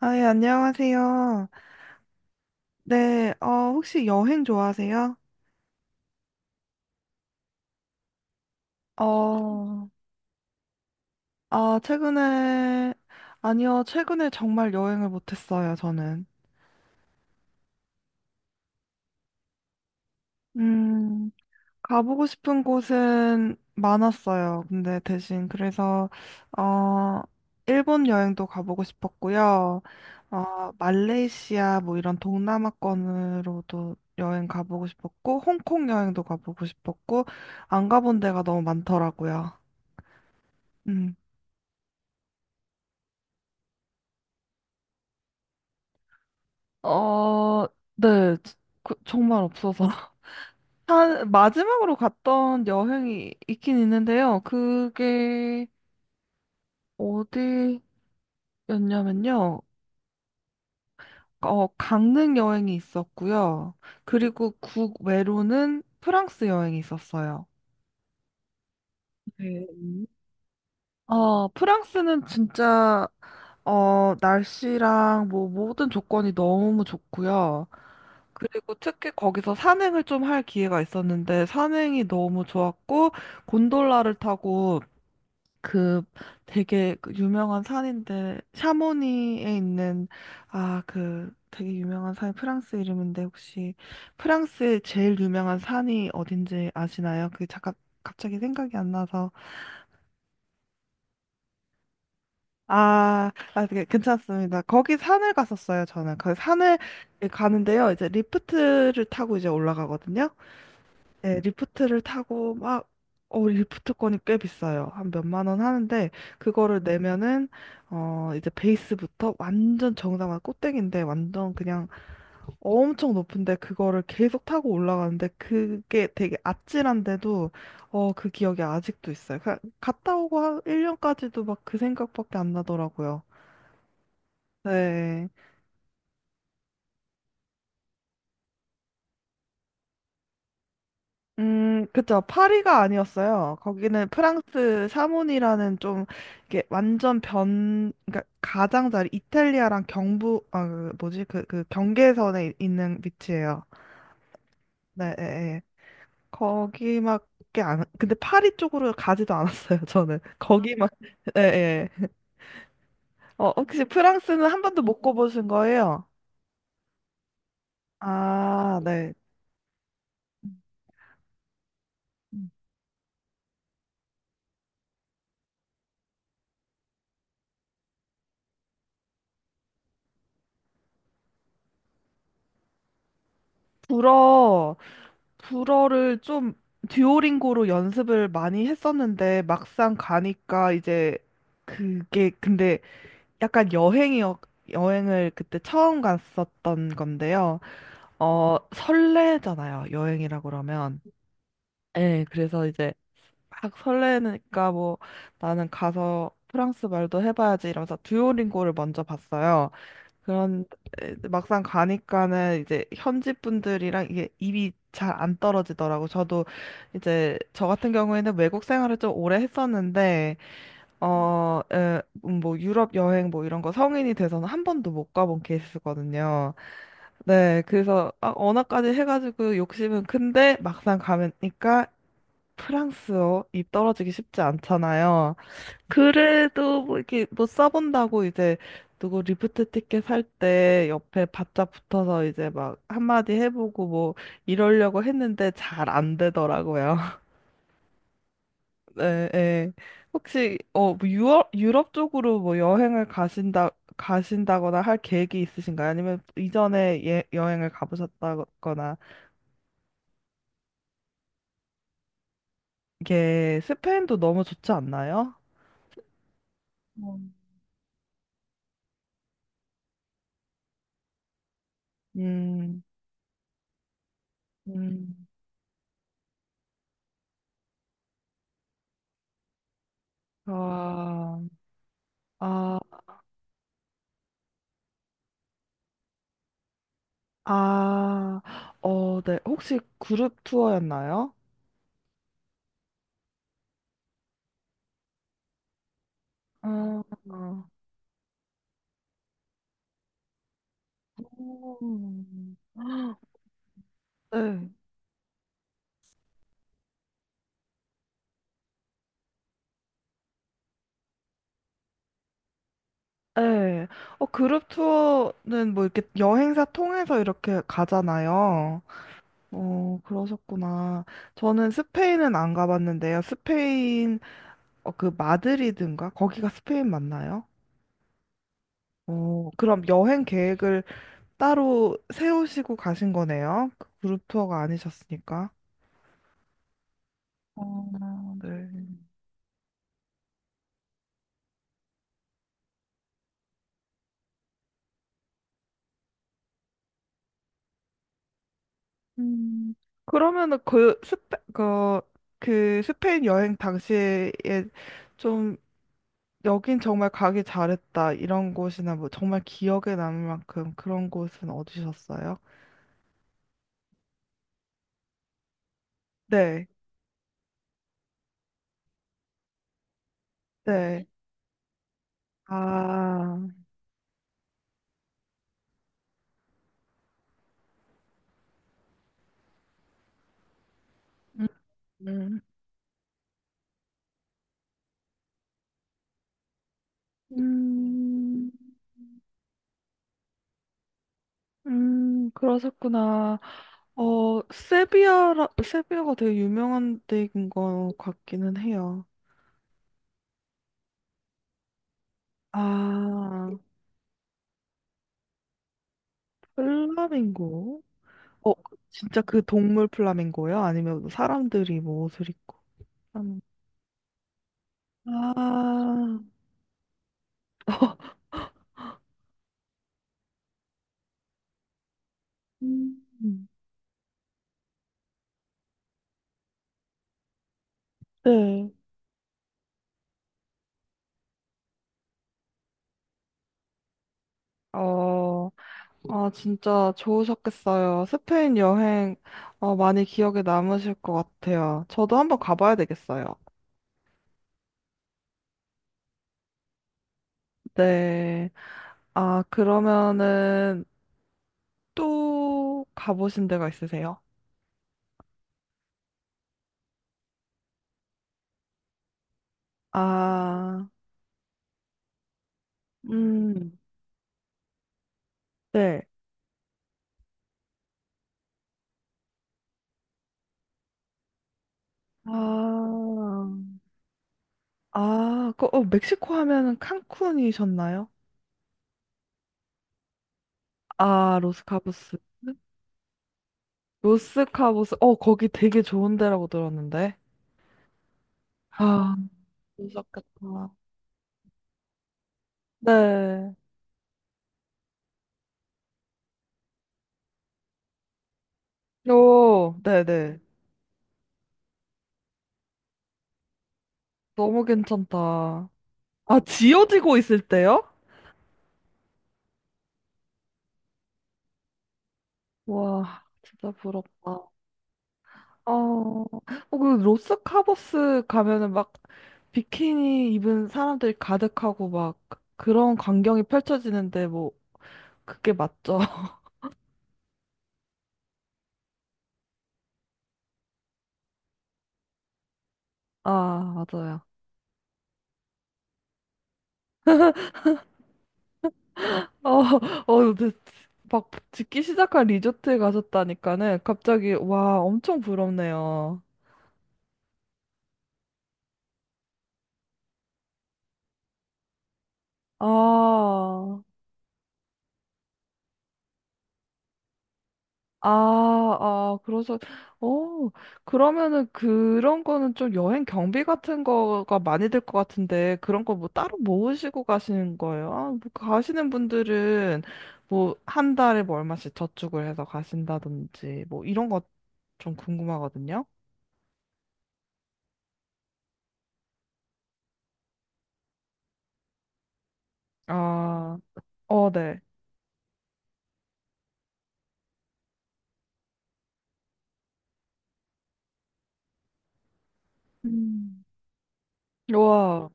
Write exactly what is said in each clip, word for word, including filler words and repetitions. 아, 예, 안녕하세요. 네, 어, 혹시 여행 좋아하세요? 어, 아, 최근에, 아니요, 최근에 정말 여행을 못했어요, 저는. 음, 가보고 싶은 곳은 많았어요. 근데 대신, 그래서, 어, 일본 여행도 가보고 싶었고요. 어, 말레이시아, 뭐 이런 동남아권으로도 여행 가보고 싶었고, 홍콩 여행도 가보고 싶었고, 안 가본 데가 너무 많더라고요. 음. 어, 네. 그- 정말 없어서. 한, 마지막으로 갔던 여행이 있긴 있는데요. 그게 어디였냐면요. 어, 강릉 여행이 있었고요. 그리고 국외로는 프랑스 여행이 있었어요. 네. 어, 프랑스는 진짜 어, 날씨랑 뭐 모든 조건이 너무 좋고요. 그리고 특히 거기서 산행을 좀 할 기회가 있었는데 산행이 너무 좋았고 곤돌라를 타고 그 되게 그 유명한 산인데 샤모니에 있는, 아, 그 되게 유명한 산이 프랑스 이름인데 혹시 프랑스의 제일 유명한 산이 어딘지 아시나요? 그게 잠깐 갑자기 생각이 안 나서. 아, 아, 네, 괜찮습니다. 거기 산을 갔었어요, 저는. 그 산을 가는데요. 이제 리프트를 타고 이제 올라가거든요. 네, 리프트를 타고 막, 어, 리프트권이 꽤 비싸요. 한 몇만 원 하는데, 그거를 내면은, 어, 이제 베이스부터 완전 정상화 꼭대기인데, 완전 그냥 엄청 높은데, 그거를 계속 타고 올라가는데, 그게 되게 아찔한데도, 어, 그 기억이 아직도 있어요. 그- 갔다 오고 한 일 년까지도 막 그 생각밖에 안 나더라고요. 네. 음, 그쵸. 파리가 아니었어요. 거기는 프랑스 사문이라는 좀, 이게 완전 변, 그러니까 가장자리, 이탈리아랑 경부, 아, 그 뭐지, 그, 그 경계선에 이- 있는 위치예요. 네, 예, 예. 거기밖에 안, 근데 파리 쪽으로 가지도 않았어요, 저는. 거기만, 예, 예. 어, 혹시 프랑스는 한 번도 못 가보신 거예요? 아, 네. 불어. 불어를 좀 듀오링고로 연습을 많이 했었는데 막상 가니까 이제 그게 근데 약간 여행이었 여행을 그때 처음 갔었던 건데요. 어, 설레잖아요. 여행이라 그러면. 예, 그래서 이제 막 설레니까 뭐 나는 가서 프랑스 말도 해봐야지 이러면서 듀오링고를 먼저 봤어요. 그런 에, 막상 가니까는 이제 현지 분들이랑 이게 입이 잘 안 떨어지더라고. 저도 이제 저 같은 경우에는 외국 생활을 좀 오래 했었는데 어, 에, 음, 뭐 유럽 여행 뭐 이런 거 성인이 돼서는 한 번도 못 가본 케이스거든요. 네, 그래서 아, 언어까지 해가지고 욕심은 큰데 막상 가니까 프랑스어 입 떨어지기 쉽지 않잖아요. 그래도 뭐 이렇게 뭐 써본다고 이제 누구 리프트 티켓 살 때 옆에 바짝 붙어서 이제 막 한마디 해보고 뭐 이러려고 했는데 잘 안 되더라고요. 네, 네. 혹시 어뭐 유럽 유럽 쪽으로 뭐 여행을 가신다 가신다거나 할 계획이 있으신가요? 아니면 이전에 예, 여행을 가보셨다거나. 이게 스페인도 너무 좋지 않나요? 음. 음, 음, 아, 아. 아, 어, 네. 혹시 그룹 투어였나요? 어, 어. 음. 네. 네. 어, 그룹 투어는 뭐 이렇게 여행사 통해서 이렇게 가잖아요. 어, 그러셨구나. 저는 스페인은 안 가봤는데요. 스페인, 어, 그 마드리드인가? 거기가 스페인 맞나요? 어, 그럼 여행 계획을 따로 세우시고 가신 거네요? 그 그룹 투어가 아니셨으니까. 어, 네. 음, 그러면은 그 스페, 그, 그 스페인 여행 당시에 좀 여긴 정말 가기 잘했다 이런 곳이나 뭐 정말 기억에 남을 만큼 그런 곳은 어디셨어요? 네, 네. 아, 음, 음. 음, 음, 그러셨구나. 어, 세비야라, 세비야가 되게 유명한 데인 것 같기는 해요. 아, 플라밍고. 어, 진짜 그 동물 플라밍고요? 아니면 뭐 사람들이 뭐 옷을 입고 하는. 아, 음, 네. 어, 아, 진짜 좋으셨겠어요. 스페인 여행, 어, 많이 기억에 남으실 것 같아요. 저도 한번 가봐야 되겠어요. 네. 아, 그러면은 또 가보신 데가 있으세요? 아, 음, 네. 아, 아, 그, 어, 멕시코 하면은 칸쿤이셨나요? 아, 로스카보스. 로스카보스. 어, 거기 되게 좋은 데라고 들었는데. 아, 무섭겠다. 네. 오, 네네. 너무 괜찮다. 아, 지어지고 있을 때요? 와, 진짜 부럽다. 어, 어, 그 로스카보스 가면은 막 비키니 입은 사람들이 가득하고 막 그런 광경이 펼쳐지는데 뭐 그게 맞죠? 아, 맞아요. 어, 어, 근데 막 짓기 시작한 리조트에 가셨다니까는 갑자기 와, 엄청 부럽네요. 아, 아, 아, 그래서, 어, 그러면은 그런 거는 좀 여행 경비 같은 거가 많이 들 것 같은데 그런 거 뭐 따로 모으시고 가시는 거예요? 아, 뭐 가시는 분들은 뭐 한 달에 뭐 얼마씩 저축을 해서 가신다든지 뭐 이런 거 좀 궁금하거든요. 아, 어, 네. 음. 와.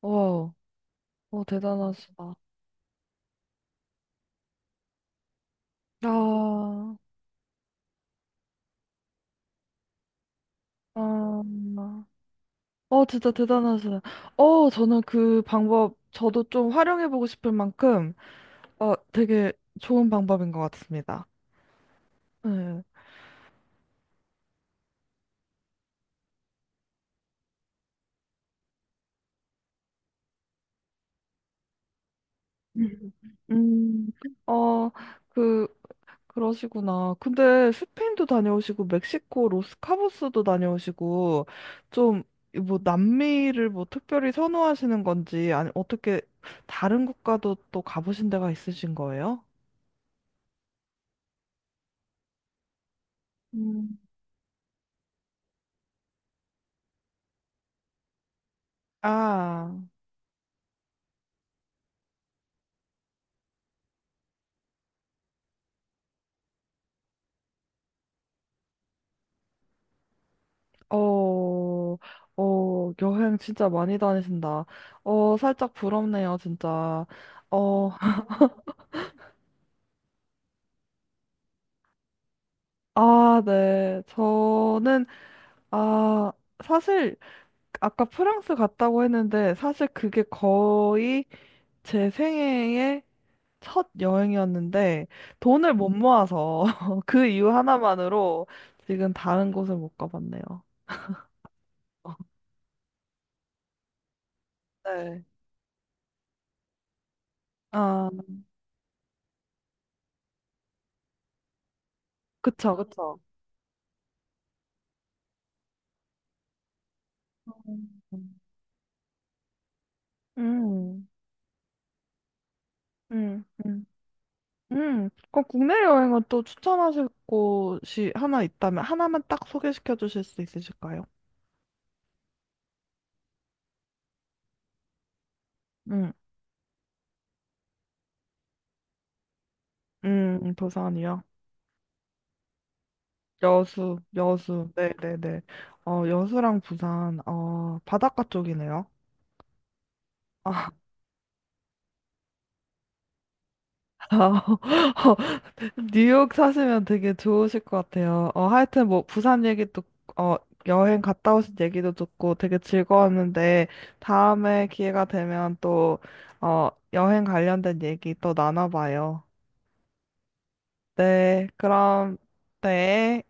와, 어, 대단하시다. 아, 아, 아, 어, 진짜 대단하시다. 어, 저는 그 방법, 저도 좀 활용해보고 싶을 만큼, 어, 되게 좋은 방법인 것 같습니다. 네. 음, 음, 어, 그, 그러시구나. 근데 스페인도 다녀오시고, 멕시코, 로스카보스도 다녀오시고, 좀, 뭐, 남미를 뭐, 특별히 선호하시는 건지, 아니, 어떻게, 다른 국가도 또 가보신 데가 있으신 거예요? 음. 아, 어, 어, 여행 진짜 많이 다니신다. 어, 살짝 부럽네요, 진짜. 어, 아, 네. 저는, 아, 사실, 아까 프랑스 갔다고 했는데, 사실 그게 거의 제 생애의 첫 여행이었는데, 돈을 못 모아서 그 이유 하나만으로 지금 다른 곳을 못 가봤네요. 네. 아, 그쵸, 그쵸. 음. 음, 음, 음. 그 국내 여행은 또 추천하실 곳이 하나 있다면 하나만 딱 소개시켜 주실 수 있으실까요? 음, 음, 부산이요. 여수, 여수. 네, 네, 네. 어, 여수랑 부산, 어, 바닷가 쪽이네요. 아, 뉴욕 사시면 되게 좋으실 것 같아요. 어, 하여튼 뭐 부산 얘기도 어, 여행 갔다 오신 얘기도 듣고 되게 즐거웠는데 다음에 기회가 되면 또 어, 여행 관련된 얘기 또 나눠봐요. 네, 그럼 네.